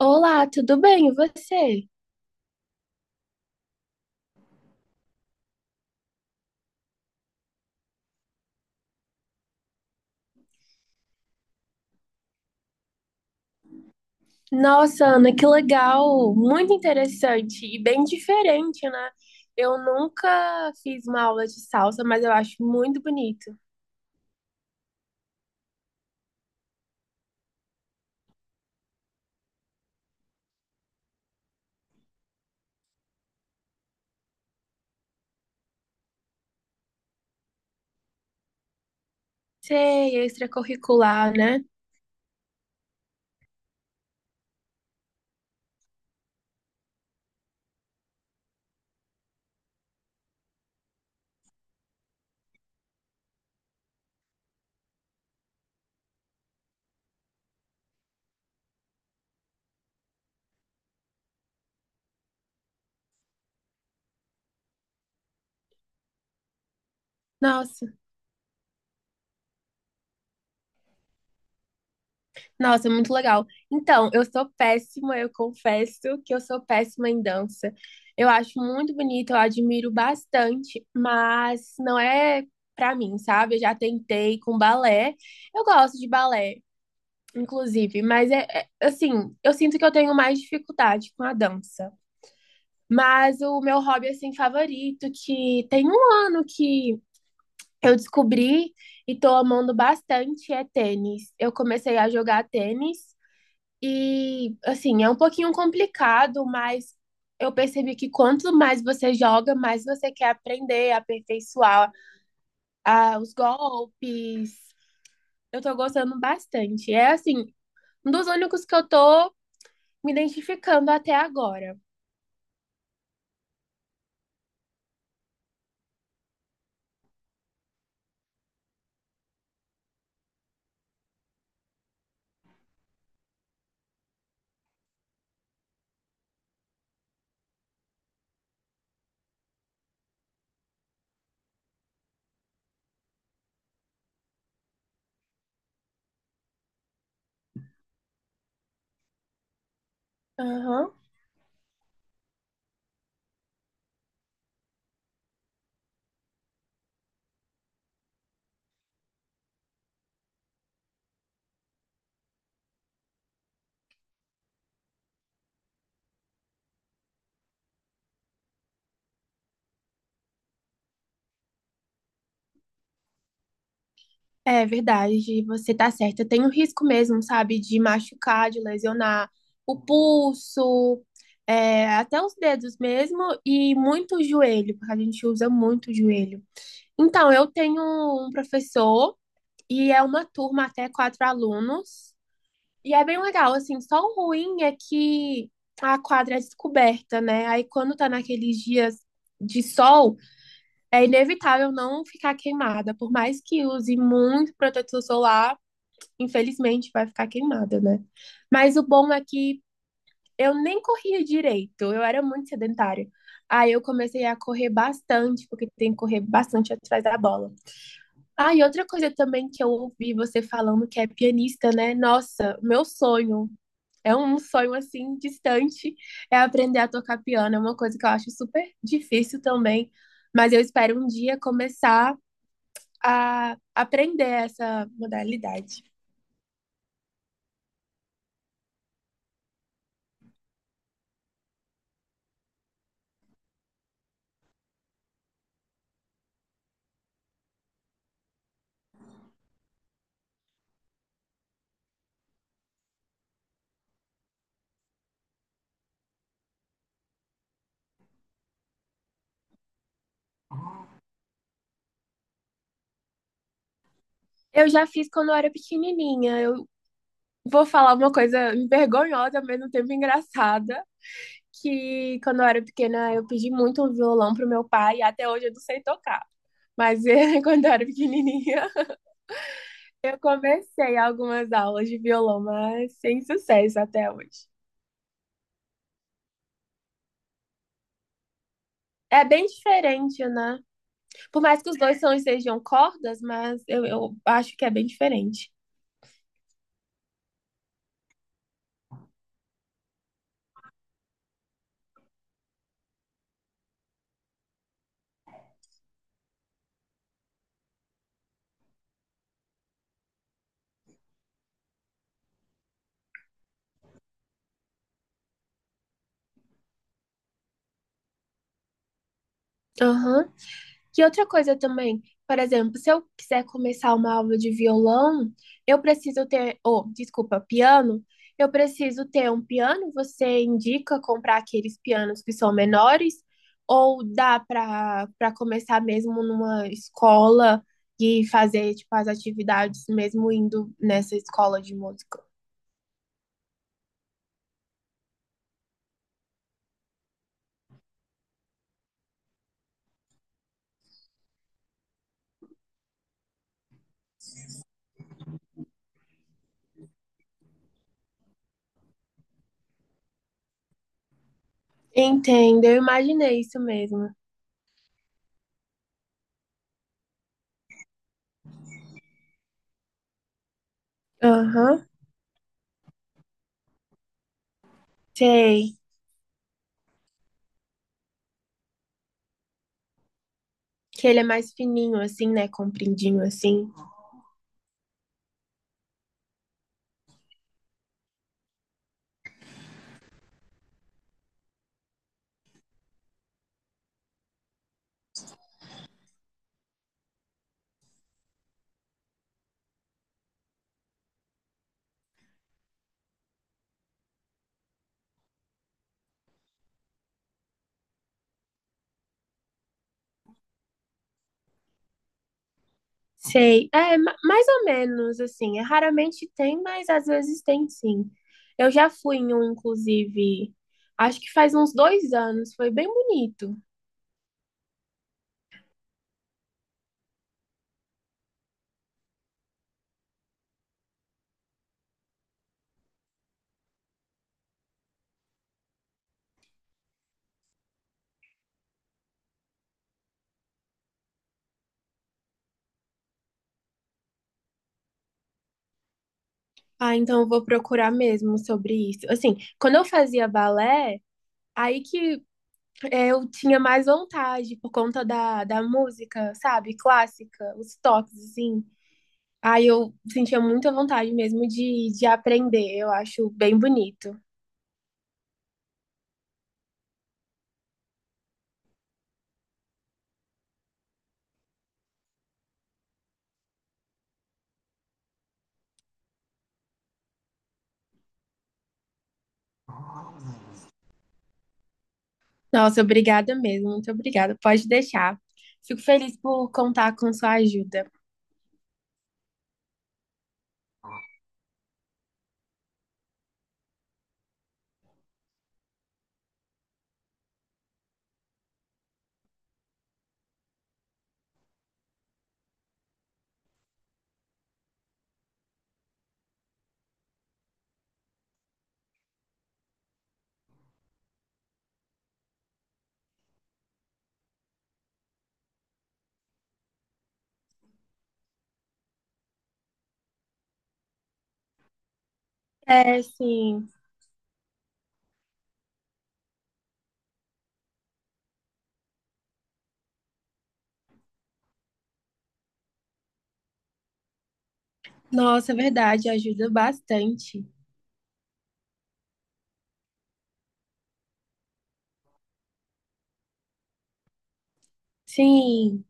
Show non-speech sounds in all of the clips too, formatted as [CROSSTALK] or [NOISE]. Olá, tudo bem? E você? Nossa, Ana, que legal! Muito interessante e bem diferente, né? Eu nunca fiz uma aula de salsa, mas eu acho muito bonito. Sei, extracurricular, né? Nossa, nossa, muito legal. Então, eu sou péssima, eu confesso que eu sou péssima em dança. Eu acho muito bonito, eu admiro bastante, mas não é pra mim, sabe? Eu já tentei com balé. Eu gosto de balé, inclusive. Mas assim, eu sinto que eu tenho mais dificuldade com a dança. Mas o meu hobby, assim, favorito, que tem um ano que eu descobri e tô amando bastante, é tênis. Eu comecei a jogar tênis e, assim, é um pouquinho complicado, mas eu percebi que quanto mais você joga, mais você quer aprender, aperfeiçoar, ah, os golpes. Eu tô gostando bastante. É, assim, um dos únicos que eu tô me identificando até agora. Aham. É verdade, você tá certa. Tem o risco mesmo, sabe, de machucar, de lesionar o pulso, é, até os dedos mesmo, e muito o joelho, porque a gente usa muito o joelho. Então, eu tenho um professor e é uma turma até 4 alunos, e é bem legal, assim, só o ruim é que a quadra é descoberta, né? Aí quando tá naqueles dias de sol, é inevitável não ficar queimada. Por mais que use muito protetor solar, infelizmente vai ficar queimada, né? Mas o bom é que eu nem corria direito, eu era muito sedentária. Aí eu comecei a correr bastante, porque tem que correr bastante atrás da bola. Ah, e outra coisa também que eu ouvi você falando que é pianista, né? Nossa, meu sonho. É um sonho assim distante, é aprender a tocar piano. É uma coisa que eu acho super difícil também, mas eu espero um dia começar a aprender essa modalidade. Eu já fiz quando eu era pequenininha. Eu vou falar uma coisa vergonhosa, ao mesmo tempo engraçada, que quando eu era pequena eu pedi muito um violão pro meu pai e até hoje eu não sei tocar. Mas [LAUGHS] quando eu era pequenininha, eu comecei algumas aulas de violão, mas sem sucesso até hoje. É bem diferente, né? Por mais que os dois são, sejam cordas, mas eu acho que é bem diferente. Aham. Que outra coisa também, por exemplo, se eu quiser começar uma aula de violão, eu preciso ter, ou, desculpa, piano, eu preciso ter um piano, você indica comprar aqueles pianos que são menores, ou dá para começar mesmo numa escola e fazer tipo as atividades mesmo indo nessa escola de música. Entendo, eu imaginei isso mesmo. Aham, sei. Que ele é mais fininho assim, né, compridinho assim. Sei. É, mais ou menos, assim. É, raramente tem, mas às vezes tem sim. Eu já fui em um, inclusive, acho que faz uns 2 anos. Foi bem bonito. Ah, então eu vou procurar mesmo sobre isso. Assim, quando eu fazia balé, aí que é, eu tinha mais vontade por conta da música, sabe? Clássica, os toques, assim. Aí eu sentia muita vontade mesmo de aprender. Eu acho bem bonito. Nossa, obrigada mesmo, muito obrigada. Pode deixar. Fico feliz por contar com sua ajuda. É, sim. Nossa, é verdade, ajuda bastante. Sim.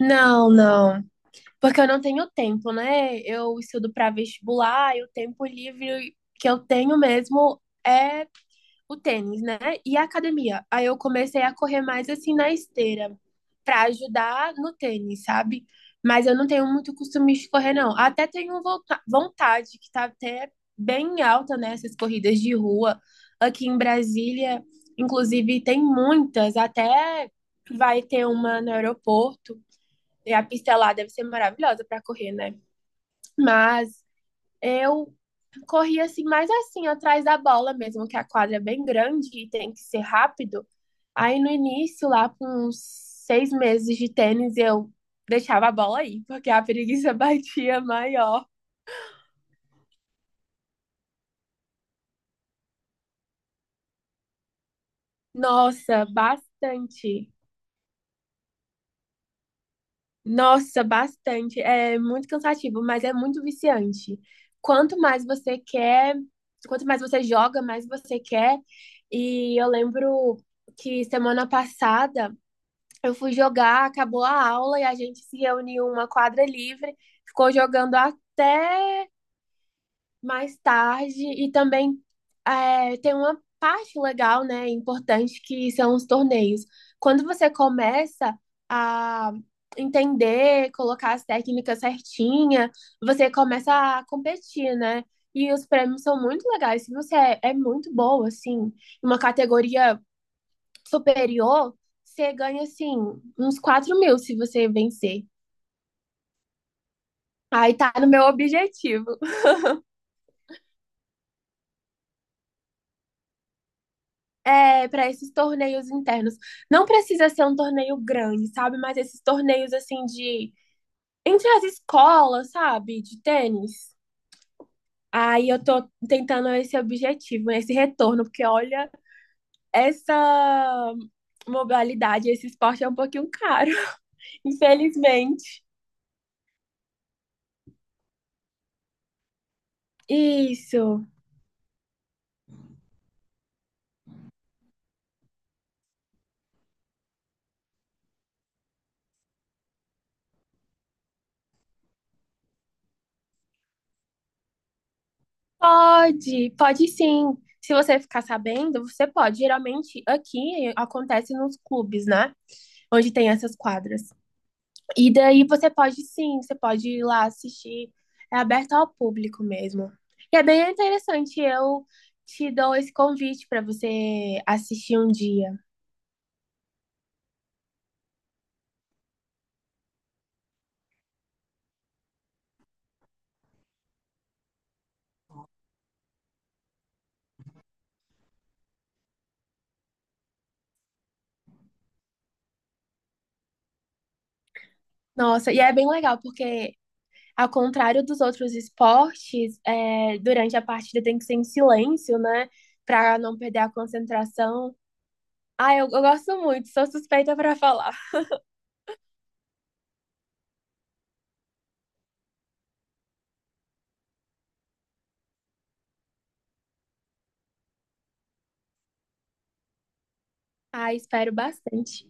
Não, não. Porque eu não tenho tempo, né? Eu estudo para vestibular e o tempo livre que eu tenho mesmo é o tênis, né? E a academia. Aí eu comecei a correr mais assim na esteira, pra ajudar no tênis, sabe? Mas eu não tenho muito costume de correr, não. Até tenho vontade, que tá até bem alta, né? Essas corridas de rua. Aqui em Brasília, inclusive, tem muitas. Até vai ter uma no aeroporto. E a pista lá deve ser maravilhosa pra correr, né? Mas eu corria assim, mais assim, atrás da bola mesmo, que a quadra é bem grande e tem que ser rápido. Aí no início, lá com uns 6 meses de tênis, eu deixava a bola aí, porque a preguiça [LAUGHS] batia maior. Nossa, bastante. Nossa, bastante. É muito cansativo, mas é muito viciante. Quanto mais você quer, quanto mais você joga, mais você quer. E eu lembro que semana passada eu fui jogar, acabou a aula e a gente se reuniu em uma quadra livre, ficou jogando até mais tarde e também é, tem uma parte legal, né, importante, que são os torneios. Quando você começa a entender, colocar as técnicas certinha, você começa a competir, né? E os prêmios são muito legais. Se você é muito boa, assim, em uma categoria superior, você ganha, assim, uns 4.000 se você vencer. Aí tá no meu objetivo, é, para esses torneios internos. Não precisa ser um torneio grande, sabe? Mas esses torneios, assim, de... Entre as escolas, sabe? De tênis. Aí eu tô tentando esse objetivo, esse retorno, porque olha, essa modalidade, esse esporte é um pouquinho caro, [LAUGHS] infelizmente. Isso. Pode, pode sim. Se você ficar sabendo, você pode. Geralmente aqui acontece nos clubes, né? Onde tem essas quadras. E daí você pode sim, você pode ir lá assistir. É aberto ao público mesmo. E é bem interessante. Eu te dou esse convite para você assistir um dia. Nossa, e é bem legal, porque ao contrário dos outros esportes, é, durante a partida tem que ser em silêncio, né? Para não perder a concentração. Ah, eu gosto muito, sou suspeita pra falar. Ah, espero bastante.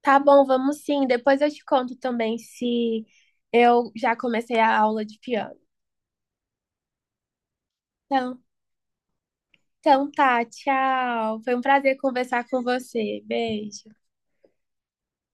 Tá bom, vamos sim. Depois eu te conto também se eu já comecei a aula de piano. Então, então tá, tchau. Foi um prazer conversar com você. Beijo.